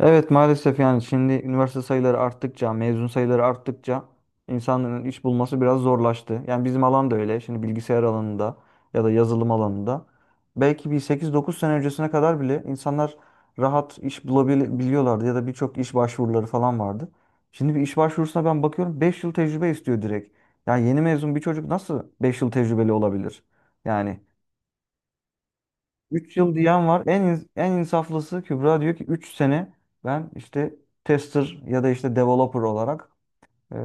Evet maalesef yani şimdi üniversite sayıları arttıkça, mezun sayıları arttıkça insanların iş bulması biraz zorlaştı. Yani bizim alan da öyle. Şimdi bilgisayar alanında ya da yazılım alanında belki bir 8-9 sene öncesine kadar bile insanlar rahat iş bulabiliyorlardı ya da birçok iş başvuruları falan vardı. Şimdi bir iş başvurusuna ben bakıyorum, 5 yıl tecrübe istiyor direkt. Yani yeni mezun bir çocuk nasıl 5 yıl tecrübeli olabilir? Yani, 3 yıl diyen var. En insaflısı Kübra diyor ki 3 sene ben işte tester ya da işte developer olarak,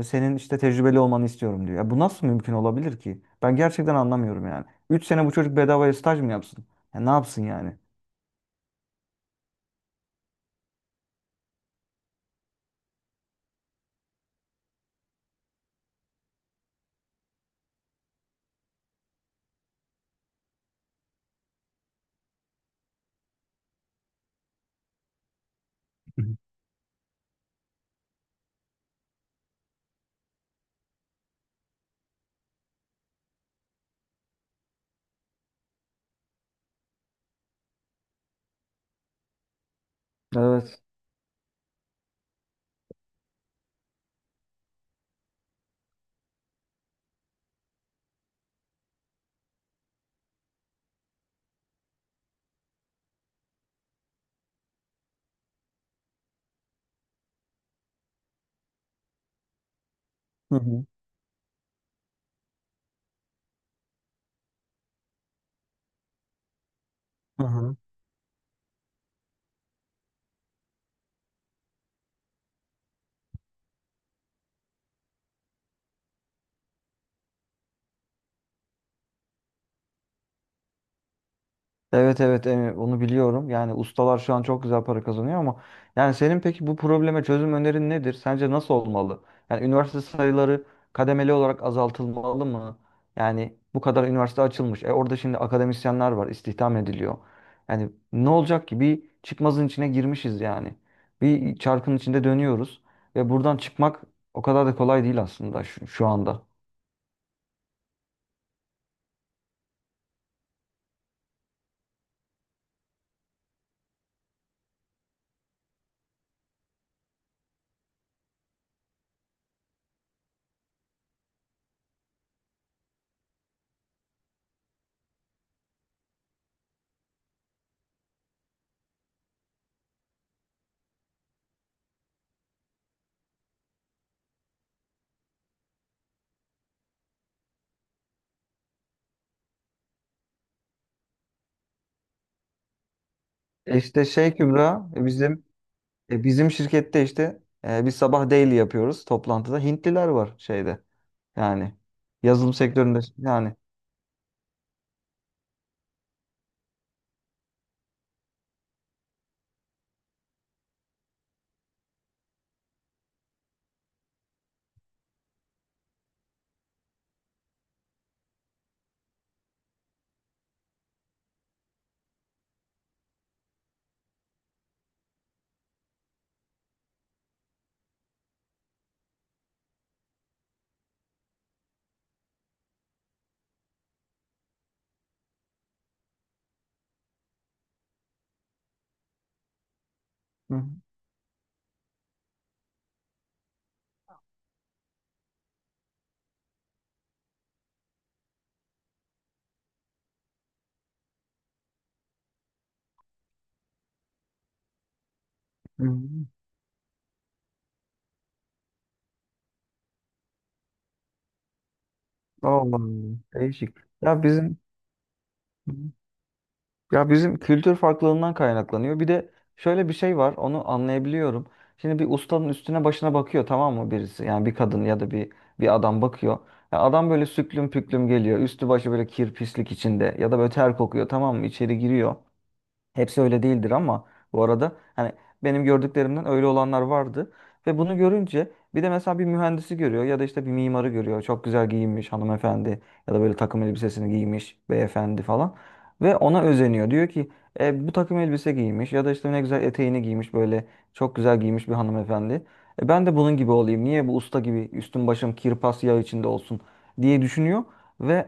senin işte tecrübeli olmanı istiyorum diyor. Ya bu nasıl mümkün olabilir ki? Ben gerçekten anlamıyorum yani. 3 sene bu çocuk bedavaya staj mı yapsın? Ya ne yapsın yani? Evet. Hı hı. Hı hı. Evet, evet, onu biliyorum. Yani ustalar şu an çok güzel para kazanıyor ama yani senin peki bu probleme çözüm önerin nedir? Sence nasıl olmalı? Yani üniversite sayıları kademeli olarak azaltılmalı mı? Yani bu kadar üniversite açılmış. Orada şimdi akademisyenler var, istihdam ediliyor. Yani ne olacak ki? Bir çıkmazın içine girmişiz yani. Bir çarkın içinde dönüyoruz ve buradan çıkmak o kadar da kolay değil aslında şu anda. İşte şey Kübra, bizim şirkette işte biz sabah daily yapıyoruz toplantıda. Hintliler var şeyde, yani yazılım sektöründe yani. Hı hı. Hı. Allah Allah. Değişik. Ya bizim ya bizim kültür farklılığından kaynaklanıyor. Bir de şöyle bir şey var, onu anlayabiliyorum. Şimdi bir ustanın üstüne başına bakıyor tamam mı birisi? Yani bir kadın ya da bir adam bakıyor. Ya adam böyle süklüm püklüm geliyor. Üstü başı böyle kir pislik içinde ya da böyle ter kokuyor tamam mı? İçeri giriyor. Hepsi öyle değildir ama bu arada hani benim gördüklerimden öyle olanlar vardı. Ve bunu görünce bir de mesela bir mühendisi görüyor ya da işte bir mimarı görüyor. Çok güzel giyinmiş hanımefendi ya da böyle takım elbisesini giymiş beyefendi falan. Ve ona özeniyor. Diyor ki, bu takım elbise giymiş ya da işte ne güzel eteğini giymiş, böyle çok güzel giymiş bir hanımefendi. Ben de bunun gibi olayım. Niye bu usta gibi üstüm başım kirpas yağ içinde olsun diye düşünüyor. Ve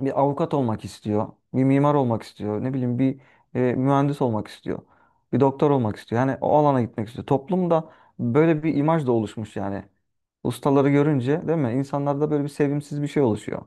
bir avukat olmak istiyor, bir mimar olmak istiyor, ne bileyim bir mühendis olmak istiyor, bir doktor olmak istiyor. Yani o alana gitmek istiyor. Toplumda böyle bir imaj da oluşmuş yani. Ustaları görünce değil mi? İnsanlarda böyle bir sevimsiz bir şey oluşuyor.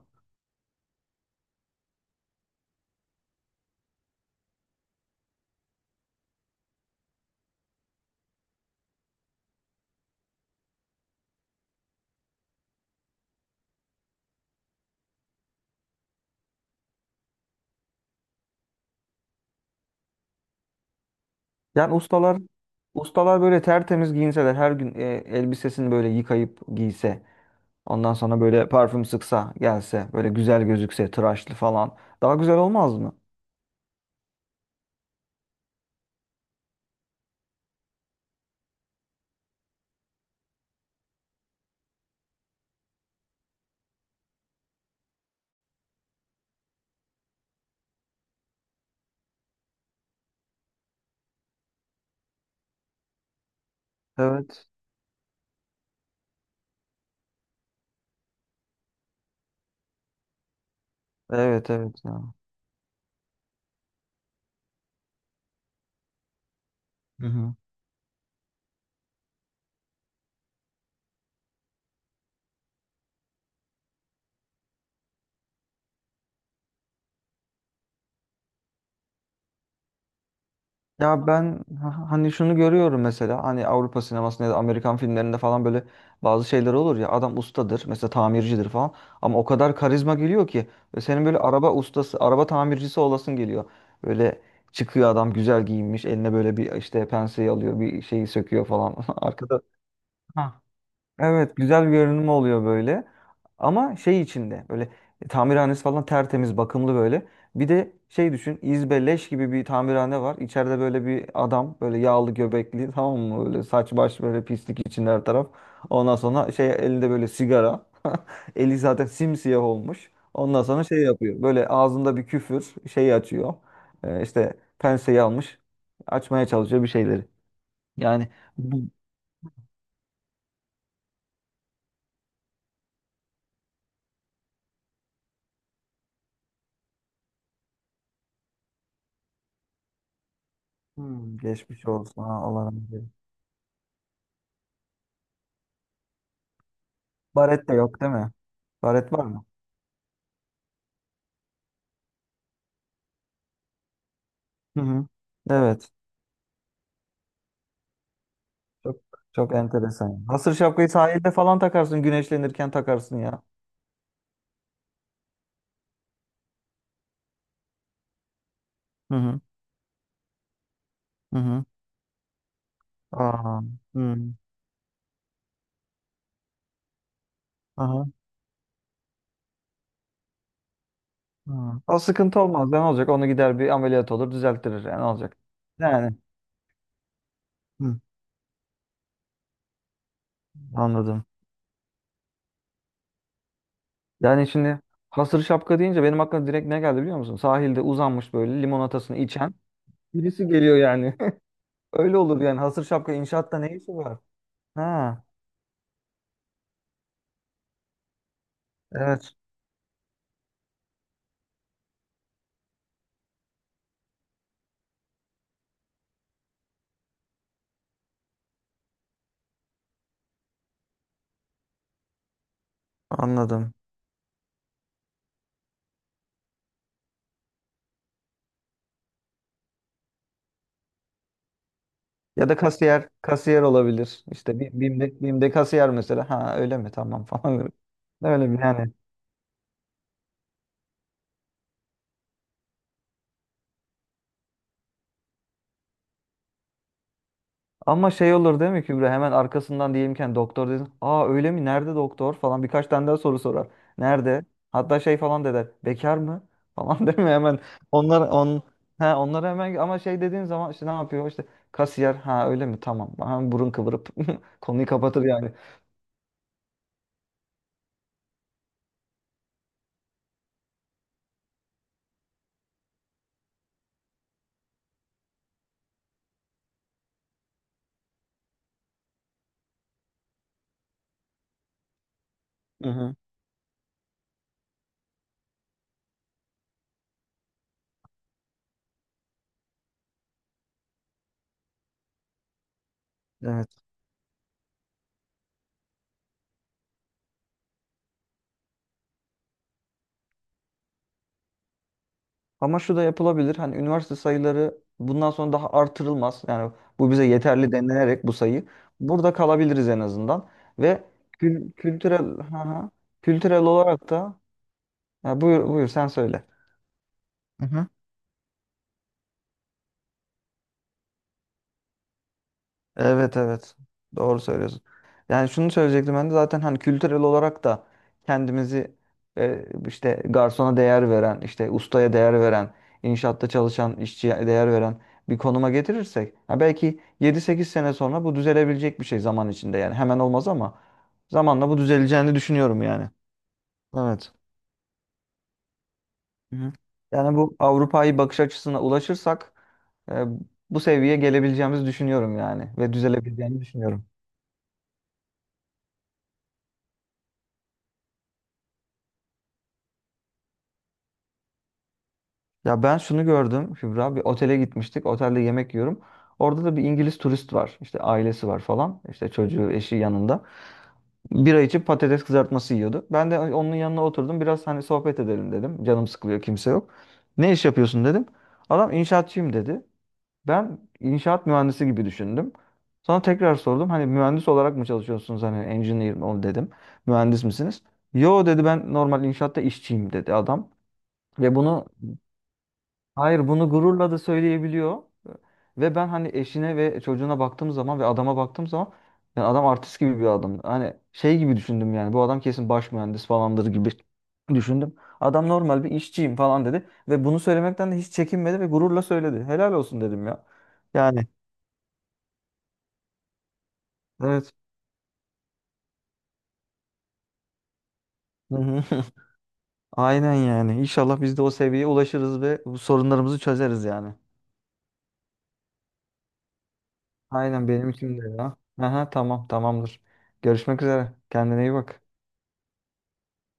Yani ustalar, ustalar böyle tertemiz giyinseler, her gün elbisesini böyle yıkayıp giyse, ondan sonra böyle parfüm sıksa, gelse, böyle güzel gözükse, tıraşlı falan, daha güzel olmaz mı? Evet. Evet, evet ya. Hı hı. Ya ben, hani şunu görüyorum mesela, hani Avrupa sinemasında ya da Amerikan filmlerinde falan böyle bazı şeyler olur ya, adam ustadır mesela, tamircidir falan, ama o kadar karizma geliyor ki ve senin böyle araba ustası, araba tamircisi olasın geliyor. Böyle çıkıyor adam, güzel giyinmiş, eline böyle bir işte penseyi alıyor, bir şeyi söküyor falan arkada. Evet, güzel bir görünüm oluyor böyle. Ama şey içinde böyle, tamirhanesi falan tertemiz, bakımlı böyle. Bir de şey düşün, İzbe leş gibi bir tamirhane var. İçeride böyle bir adam, böyle yağlı göbekli tamam mı? Böyle saç baş böyle pislik içinde her taraf. Ondan sonra şey, elinde böyle sigara. Eli zaten simsiyah olmuş. Ondan sonra şey yapıyor, böyle ağzında bir küfür, şey açıyor. İşte penseyi almış. Açmaya çalışıyor bir şeyleri. Yani bu. Hmm, geçmiş olsun. Ha, Allah razı olsun. Baret de yok değil mi? Baret var mı? Hı hı. Evet. Çok çok enteresan. Hasır şapkayı sahilde falan takarsın. Güneşlenirken takarsın ya. Hı hı. Hı hı. Aa. Hı. Aha. Hı. O sıkıntı olmaz. Ne olacak? Onu gider bir ameliyat olur, düzelttirir. Yani ne olacak? Yani. Hı. Anladım. Yani şimdi hasır şapka deyince benim aklıma direkt ne geldi biliyor musun? Sahilde uzanmış böyle limonatasını içen birisi geliyor yani. Öyle olur yani. Hasır şapka inşaatta ne işi var? Ha. Evet. Anladım. Ya da kasiyer olabilir. İşte BİM'de kasiyer mesela. Ha, öyle mi? Tamam falan. Öyle mi yani? Ama şey olur değil mi Kübra? Hemen arkasından diyelimken doktor dedin. Aa, öyle mi? Nerede doktor? Falan birkaç tane daha soru sorar. Nerede? Hatta şey falan da der. Bekar mı? Falan değil mi? Hemen onlar on ha onlara hemen, ama şey dediğin zaman işte ne yapıyor? İşte kasiyer. Ha, öyle mi? Tamam. Hemen burun kıvırıp konuyu kapatır yani. Hı hı. Evet. Ama şu da yapılabilir. Hani üniversite sayıları bundan sonra daha artırılmaz. Yani bu bize yeterli denilerek bu sayı. Burada kalabiliriz en azından. Ve kültürel, ha, ha. Kültürel olarak da, ya, buyur buyur, sen söyle. Evet, evet. Doğru söylüyorsun. Yani şunu söyleyecektim ben de zaten, hani kültürel olarak da kendimizi işte garsona değer veren, işte ustaya değer veren, inşaatta çalışan işçiye değer veren bir konuma getirirsek, ha belki 7-8 sene sonra bu düzelebilecek bir şey zaman içinde, yani hemen olmaz ama zamanla bu düzeleceğini düşünüyorum yani. Evet. Hı hı. Yani bu Avrupa'yı bakış açısına ulaşırsak, e, bu seviyeye gelebileceğimizi düşünüyorum yani, ve düzelebileceğini düşünüyorum. Ya ben şunu gördüm Kübra. Bir otele gitmiştik. Otelde yemek yiyorum. Orada da bir İngiliz turist var. İşte ailesi var falan. İşte çocuğu, eşi yanında. Bira içip patates kızartması yiyordu. Ben de onun yanına oturdum. Biraz hani sohbet edelim dedim. Canım sıkılıyor, kimse yok. Ne iş yapıyorsun dedim. Adam inşaatçıyım dedi. Ben inşaat mühendisi gibi düşündüm. Sonra tekrar sordum. Hani mühendis olarak mı çalışıyorsunuz? Hani engineer mi o dedim. Mühendis misiniz? Yo dedi, ben normal inşaatta işçiyim dedi adam. Ve bunu. Hayır, bunu gururla da söyleyebiliyor. Ve ben hani eşine ve çocuğuna baktığım zaman ve adama baktığım zaman, yani adam artist gibi bir adam. Hani şey gibi düşündüm yani, bu adam kesin baş mühendis falandır gibi düşündüm. Adam normal bir işçiyim falan dedi ve bunu söylemekten de hiç çekinmedi ve gururla söyledi. Helal olsun dedim ya. Yani, evet. Hı hı. Aynen yani. İnşallah biz de o seviyeye ulaşırız ve bu sorunlarımızı çözeriz yani. Aynen benim için de ya. Aha, tamam tamamdır. Görüşmek üzere. Kendine iyi bak.